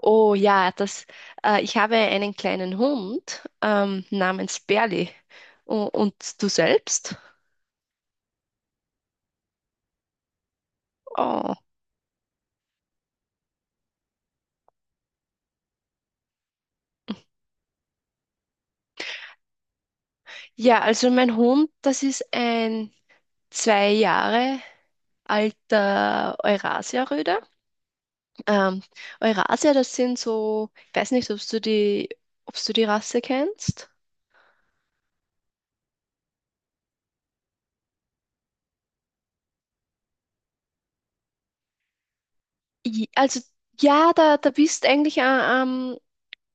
Oh ja, ich habe einen kleinen Hund namens Berli. Und du selbst? Oh. Ja, also mein Hund, das ist ein 2 Jahre alter Eurasia-Rüde. Ähm, Eurasia, das sind so, ich weiß nicht, ob du die Rasse kennst. Also ja, da bist eigentlich äh, am,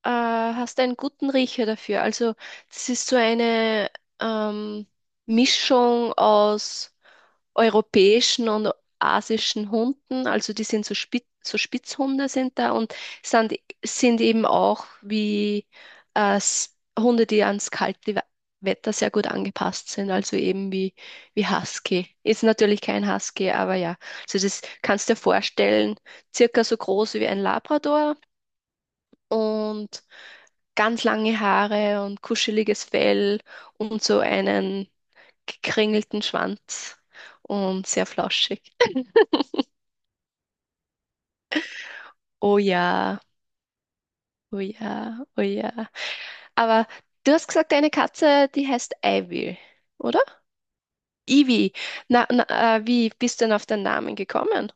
äh, hast einen guten Riecher dafür. Also das ist so eine ähm, Mischung aus europäischen und asischen Hunden. Also die sind so, so Spitzhunde sind da und sind, sind eben auch wie Hunde, die ans kalte Wetter sehr gut angepasst sind. Also eben wie Husky. Ist natürlich kein Husky, aber ja. Also das kannst du dir vorstellen, circa so groß wie ein Labrador. Und ganz lange Haare und kuscheliges Fell und so einen gekringelten Schwanz und sehr flauschig. Oh ja, oh ja, oh ja. Aber du hast gesagt, deine Katze, die heißt Ivy, oder? Ivy. Na, na, wie bist du denn auf den Namen gekommen?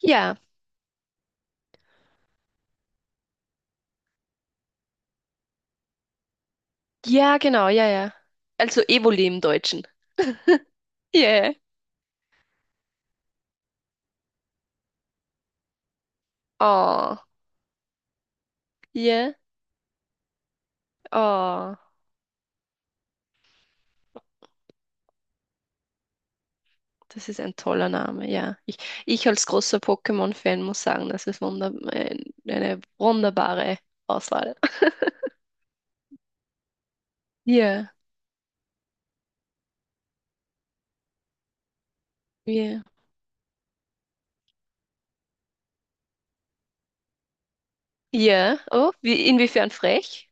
Ja, ja, genau, ja, ja. Also Evoli im Deutschen. Yeah. Oh, yeah. Oh. Das ist ein toller Name, ja. Ich als großer Pokémon-Fan muss sagen, das ist eine wunderbare Auswahl. Ja, ja. Ja, oh, inwiefern frech?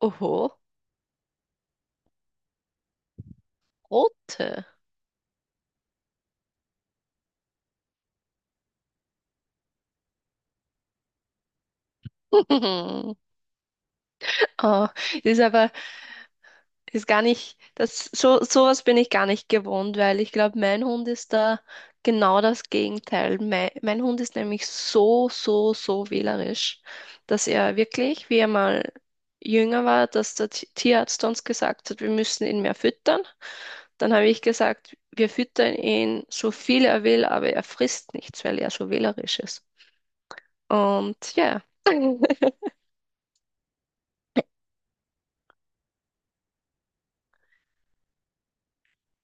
Oho, rote. Oh, das ist aber. Ist gar nicht, sowas bin ich gar nicht gewohnt, weil ich glaube, mein Hund ist da genau das Gegenteil. Mein Hund ist nämlich so wählerisch, dass er wirklich, wie er mal jünger war, dass der Tierarzt uns gesagt hat, wir müssen ihn mehr füttern. Dann habe ich gesagt, wir füttern ihn so viel er will, aber er frisst nichts, weil er so wählerisch ist. Und ja,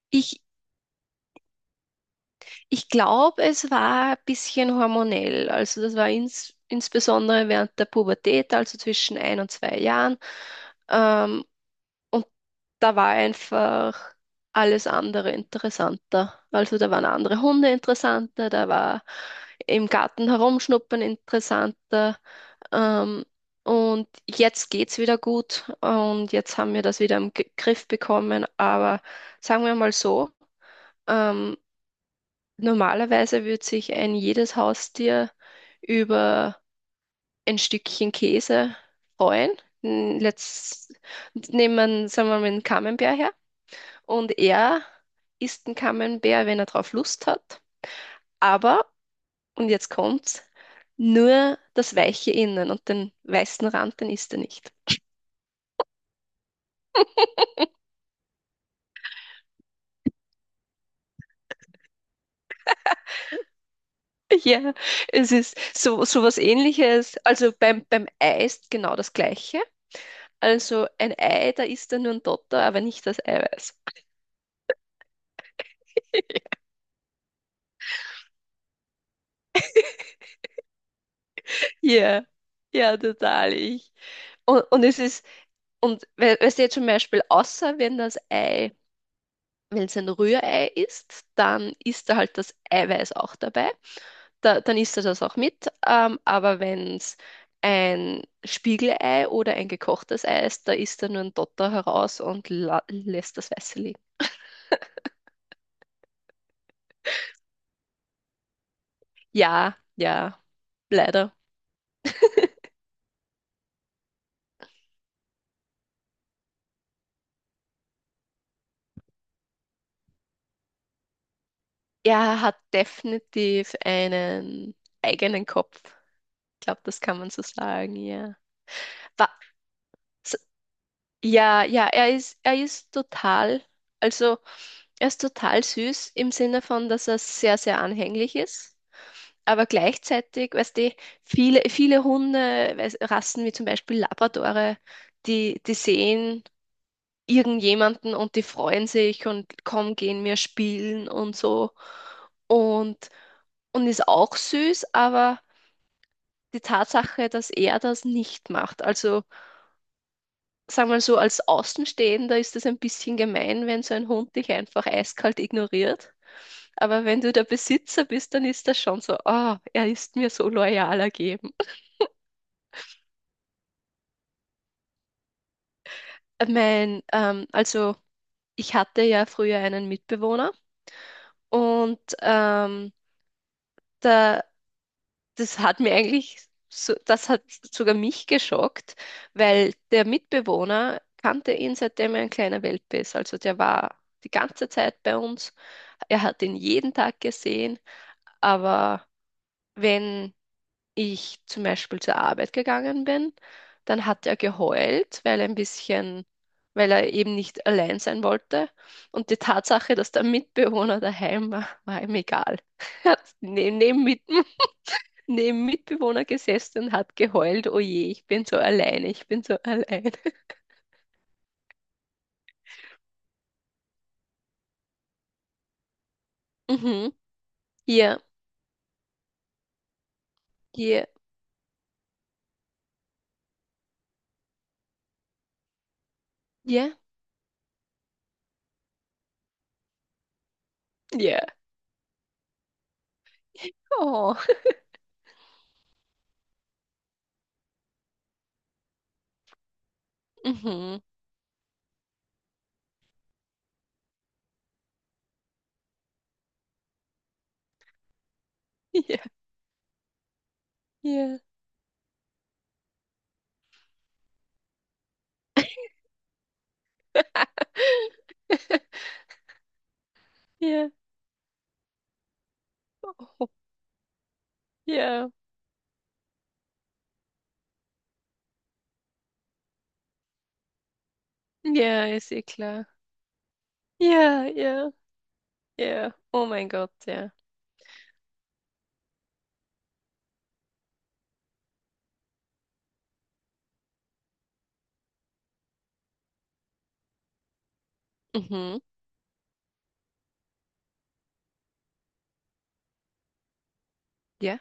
ich, Ich glaube, es war ein bisschen hormonell. Also das war insbesondere während der Pubertät, also zwischen 1 und 2 Jahren. Ähm, und da war einfach alles andere interessanter. Also da waren andere Hunde interessanter, da war im Garten herumschnuppern interessanter. Ähm, und jetzt geht's wieder gut und jetzt haben wir das wieder im G Griff bekommen. Aber sagen wir mal so, ähm, Normalerweise würde sich ein jedes Haustier über ein Stückchen Käse freuen. Let's nehmen, sagen wir mal, einen Camembert her. Und er isst einen Camembert, wenn er drauf Lust hat. Aber, und jetzt kommt's, nur das weiche Innen und den weißen Rand, den isst er nicht. Ja, es ist so was Ähnliches. Also beim Ei ist genau das Gleiche. Also ein Ei, da isst er nur ein Dotter, aber nicht das Eiweiß. Ja, ja, total. Ich. Und es ist, und we- weißt du jetzt zum Beispiel, außer wenn das Ei, wenn es ein Rührei ist, dann ist da halt das Eiweiß auch dabei. Dann isst er das auch mit. Aber wenn es ein Spiegelei oder ein gekochtes Ei ist, da isst er nur ein Dotter heraus und la lässt das Weiße liegen. Ja, ja, leider. Er hat definitiv einen eigenen Kopf. Ich glaube, das kann man so sagen, ja. Wa- Ja, ja, er ist total, also er ist total süß im Sinne von, dass er sehr, sehr anhänglich ist. Aber gleichzeitig, weißt du, viele Hunde, Rassen wie zum Beispiel Labradore, die sehen irgendjemanden und die freuen sich und komm, gehen wir spielen und so. Und, und ist auch süß, aber die Tatsache, dass er das nicht macht, also sagen wir so, als Außenstehender ist es ein bisschen gemein, wenn so ein Hund dich einfach eiskalt ignoriert. Aber wenn du der Besitzer bist, dann ist das schon so, ah, er ist mir so loyal ergeben. Also ich hatte ja früher einen Mitbewohner und da, das hat mir eigentlich, so, das hat sogar mich geschockt, weil der Mitbewohner kannte ihn, seitdem er ein kleiner Welpe ist. Also der war die ganze Zeit bei uns. Er hat ihn jeden Tag gesehen. Aber wenn ich zum Beispiel zur Arbeit gegangen bin, dann hat er geheult, weil er eben nicht allein sein wollte. Und die Tatsache, dass der Mitbewohner daheim war, war ihm egal. Er hat neben Mitbewohner gesessen und hat geheult, oh je, ich bin so alleine, ich bin so allein. Mhm. Ja, ja, ja, ja. Oh. Mhm. Ja, ja. Ja. Oh. Ja, ja, ist eh klar. Ja, ja, ja. Oh mein Gott, ja. Mhm. Ja,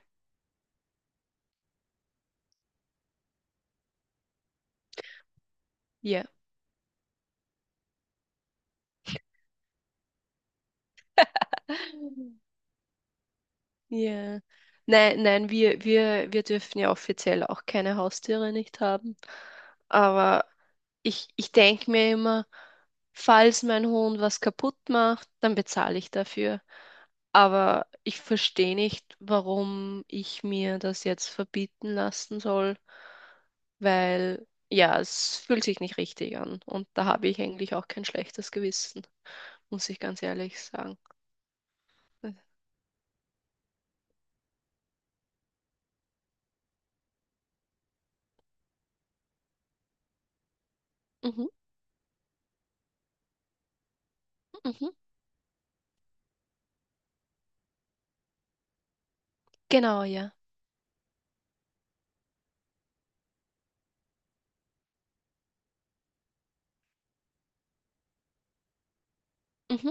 ja. Ja. Nein, nein, wir dürfen ja offiziell auch keine Haustiere nicht haben. Aber ich denke mir immer, falls mein Hund was kaputt macht, dann bezahle ich dafür. Aber ich verstehe nicht, warum ich mir das jetzt verbieten lassen soll, weil ja, es fühlt sich nicht richtig an. Und da habe ich eigentlich auch kein schlechtes Gewissen, muss ich ganz ehrlich sagen. Mhm, mhm, genau, ja. Mhm,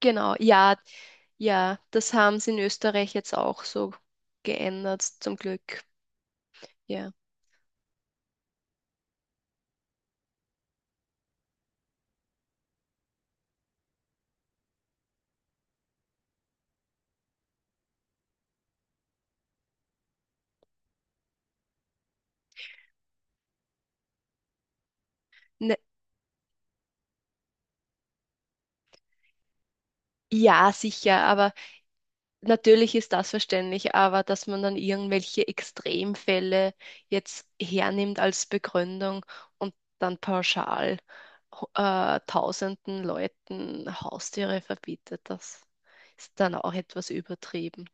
genau, ja, ja, das haben sie in Österreich jetzt auch so geändert, zum Glück. Ja, ne, ja, sicher, aber natürlich ist das verständlich, aber dass man dann irgendwelche Extremfälle jetzt hernimmt als Begründung und dann pauschal tausenden Leuten Haustiere verbietet, das ist dann auch etwas übertrieben.